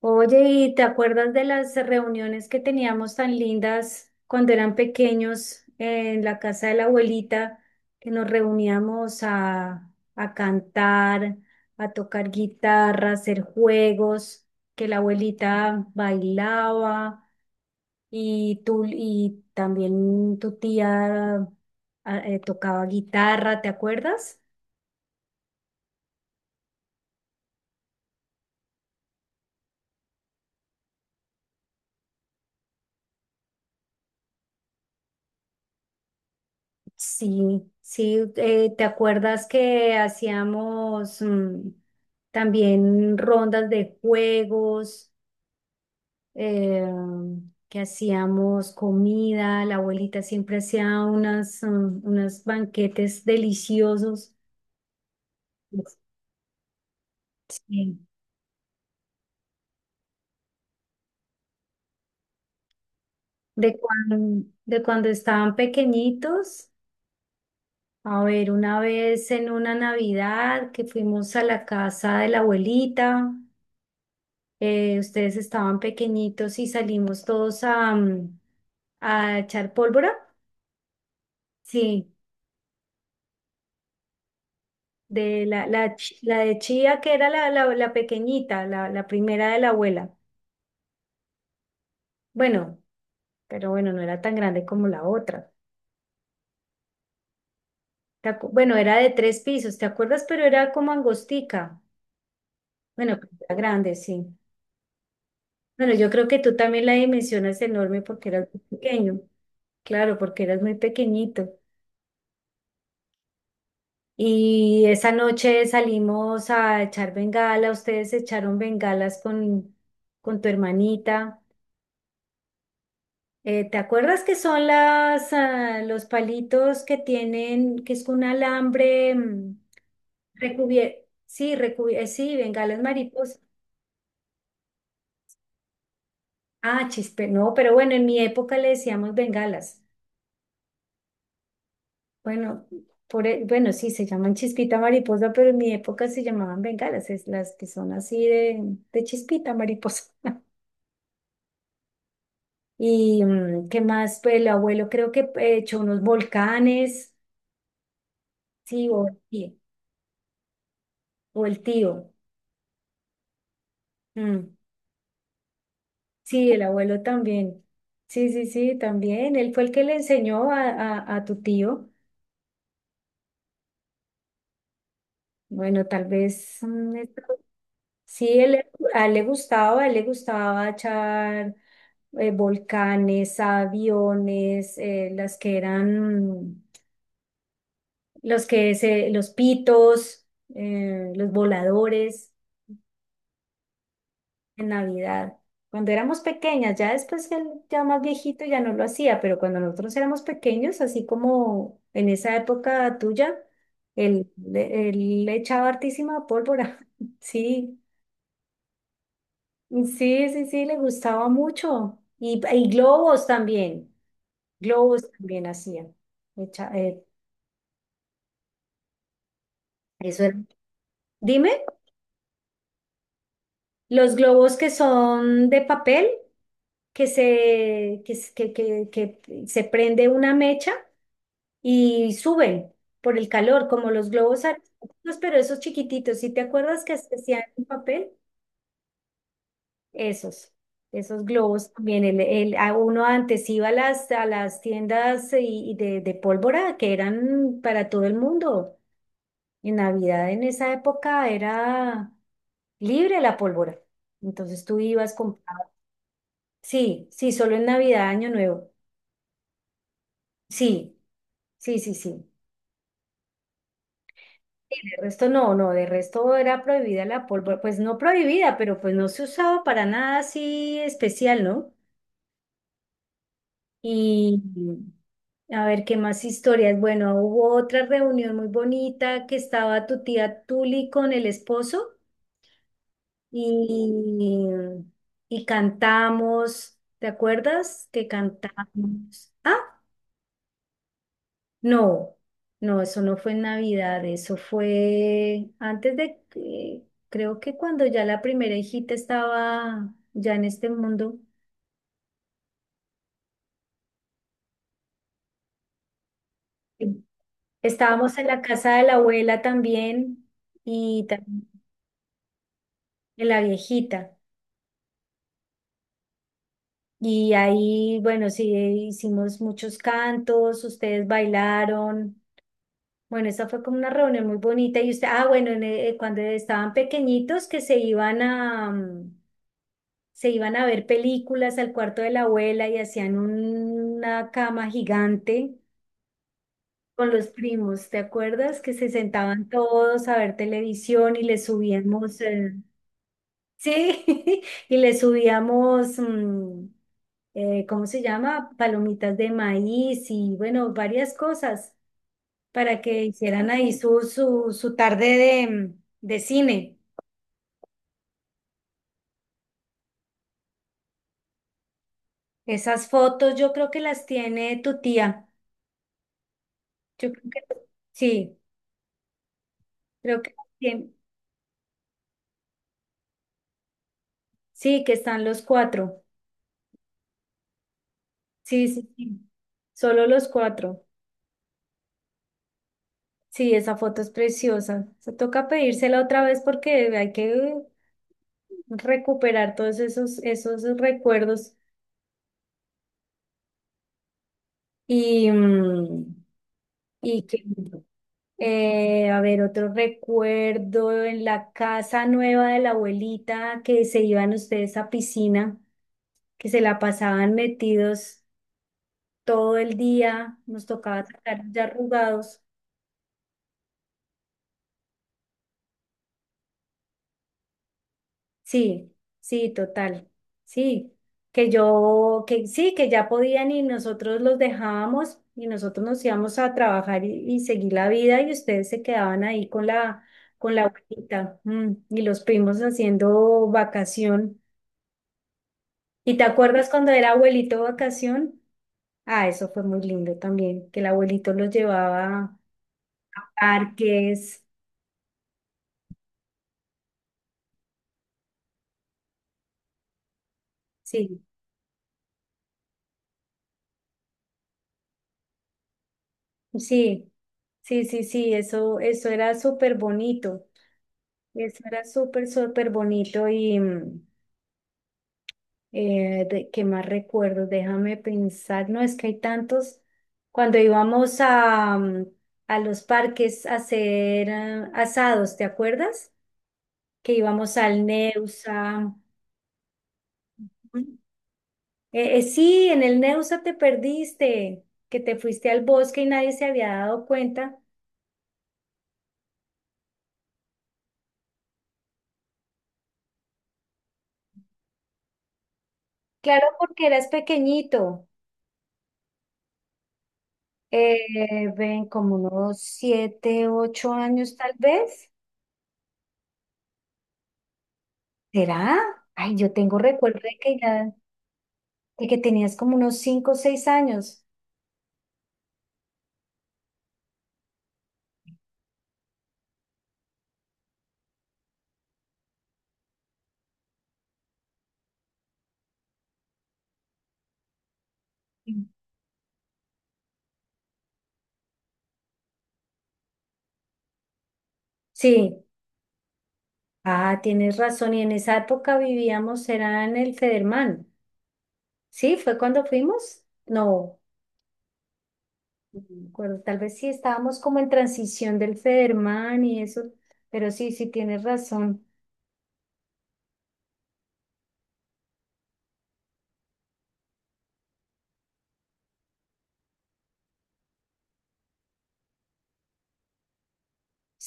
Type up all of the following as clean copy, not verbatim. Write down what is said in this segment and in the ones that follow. Oye, ¿y te acuerdas de las reuniones que teníamos tan lindas cuando eran pequeños en la casa de la abuelita, que nos reuníamos a cantar, a tocar guitarra, a hacer juegos, que la abuelita bailaba y tú y también tu tía tocaba guitarra, ¿te acuerdas? Sí, sí, ¿te acuerdas que hacíamos también rondas de juegos, eh, que hacíamos comida, la abuelita siempre hacía unas, unos banquetes deliciosos. Sí. De cuando estaban pequeñitos, a ver, una vez en una Navidad que fuimos a la casa de la abuelita. Ustedes estaban pequeñitos y salimos todos a, a echar pólvora. Sí, de la de Chía, que era la pequeñita, la primera de la abuela. Bueno, pero bueno, no era tan grande como la otra. Bueno, era de tres pisos, ¿te acuerdas? Pero era como angostica. Bueno, pero era grande, sí. Bueno, yo creo que tú también la dimensión es enorme porque eras muy pequeño. Claro, porque eras muy pequeñito. Y esa noche salimos a echar bengala, ustedes echaron bengalas con tu hermanita. ¿Te acuerdas que son las, ah, los palitos que tienen, que es un alambre recubierto? Sí, sí, bengalas mariposas. Ah, chispe, no, pero bueno, en mi época le decíamos bengalas. Bueno, bueno, sí, se llaman chispita mariposa, pero en mi época se llamaban bengalas, es las que son así de chispita mariposa. Y qué más, pues el abuelo creo que echó unos volcanes, sí, o el tío. mm, Sí, el abuelo también. Sí, sí, sí, también. Él fue el que le enseñó a tu tío. Bueno, tal vez sí, él, a él le gustaba, a él le gustaba echar volcanes, aviones, las que eran los que se, los pitos, los voladores. En Navidad. Cuando éramos pequeñas, ya después él ya más viejito ya no lo hacía, pero cuando nosotros éramos pequeños, así como en esa época tuya, él le echaba hartísima pólvora. Sí, sí, sí, sí, le gustaba mucho. Y globos también hacían. Echa- eh, Eso era. Dime, los globos que son de papel, que se prende una mecha y suben por el calor, como los globos aerostáticos, pero esos chiquititos, ¿si te acuerdas que se hacían en papel? Esos, esos globos también, a uno antes iba a las tiendas y de pólvora que eran para todo el mundo. En Navidad, en esa época, era libre la pólvora. Entonces tú ibas con... Sí, sí, solo en Navidad, Año Nuevo. Sí, sí, sí, sí. De resto no, no, de resto era prohibida la pólvora, pues no prohibida, pero pues no se usaba para nada así especial, ¿no? Y a ver qué más historias. Bueno, hubo otra reunión muy bonita que estaba tu tía Tuli con el esposo y, y cantamos, ¿te acuerdas? Que cantamos. No, no, eso no fue en Navidad, eso fue antes de que, creo que cuando ya la primera hijita estaba ya en este mundo. Sí. Estábamos en la casa de la abuela también y también en la viejita. Y ahí, bueno, sí, hicimos muchos cantos, ustedes bailaron. Bueno, esa fue como una reunión muy bonita. Y usted, ah, bueno, cuando estaban pequeñitos que se iban a... se iban a ver películas al cuarto de la abuela y hacían una cama gigante con los primos, ¿te acuerdas? Que se sentaban todos a ver televisión y le subíamos, sí, y le subíamos, ¿cómo se llama? Palomitas de maíz y bueno, varias cosas para que hicieran ahí su tarde de, de cine. Esas fotos yo creo que las tiene tu tía. Yo creo que sí. Creo que bien. Sí, que están los cuatro. Sí, sí, sí. Solo los cuatro. Sí, esa foto es preciosa. Se toca pedírsela otra vez porque hay que recuperar todos esos, esos recuerdos. Y, y que, a ver, otro recuerdo en la casa nueva de la abuelita que se iban ustedes a piscina, que se la pasaban metidos todo el día, nos tocaba sacar ya arrugados. Sí, sí, total. Sí, que yo, que sí, que ya podían y nosotros los dejábamos y nosotros nos íbamos a trabajar y seguir la vida y ustedes se quedaban ahí con la abuelita y los primos haciendo vacación. ¿Y te acuerdas cuando era abuelito vacación? Ah, eso fue muy lindo también, que el abuelito los llevaba a parques. Sí, sí, sí, sí, sí, eso era súper bonito. Eso era súper, súper bonito y ¿qué más recuerdo? Déjame pensar, no, es que hay tantos. Cuando íbamos a, a los parques a hacer asados, ¿te acuerdas? Que íbamos al Neusa. Ujú. Sí, en el Neusa te perdiste, que te fuiste al bosque y nadie se había dado cuenta. Claro, porque eras pequeñito, eh, ven, como unos siete, ocho años tal vez. ¿Será? Ay, yo tengo recuerdo de que ya, de que tenías como unos cinco o seis años. Sí, ah, tienes razón. Y en esa época vivíamos, era en el Federman. ¿Sí? ¿Fue cuando fuimos? No, no me acuerdo. Tal vez sí estábamos como en transición del Federman y eso, pero sí, sí tienes razón.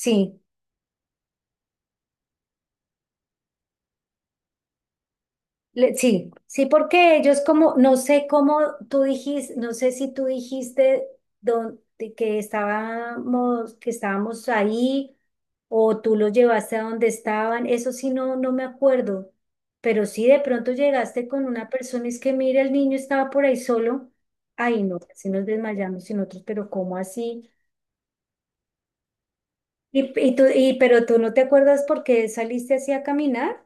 Sí, sí, sí, porque ellos como, no sé cómo tú dijiste, no sé si tú dijiste de que estábamos ahí o tú los llevaste a donde estaban, eso sí no, no me acuerdo, pero si de pronto llegaste con una persona y es que mira, el niño estaba por ahí solo, ay no, así nos desmayamos y nosotros, pero ¿cómo así? Pero ¿tú no te acuerdas por qué saliste así a caminar?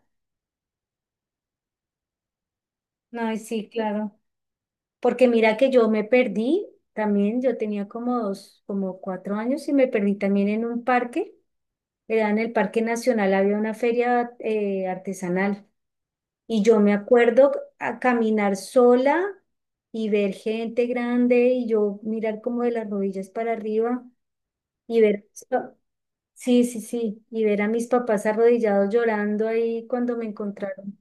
Ay, sí, claro. Porque mira que yo me perdí también, yo tenía como dos, como cuatro años y me perdí también en un parque, era en el Parque Nacional, había una feria artesanal y yo me acuerdo a caminar sola y ver gente grande y yo mirar como de las rodillas para arriba y ver, sí, sí, sí, y ver a mis papás arrodillados llorando ahí cuando me encontraron.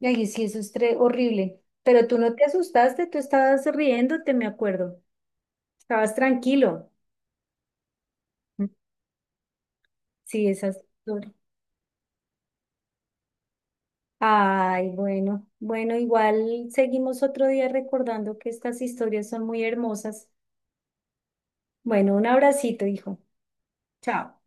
Y ahí sí, eso es horrible. Pero tú no te asustaste, tú estabas riéndote, me acuerdo. Estabas tranquilo. Sí, esas. Ay, bueno, bueno, igual seguimos otro día recordando que estas historias son muy hermosas. Bueno, un abracito, hijo. Chao.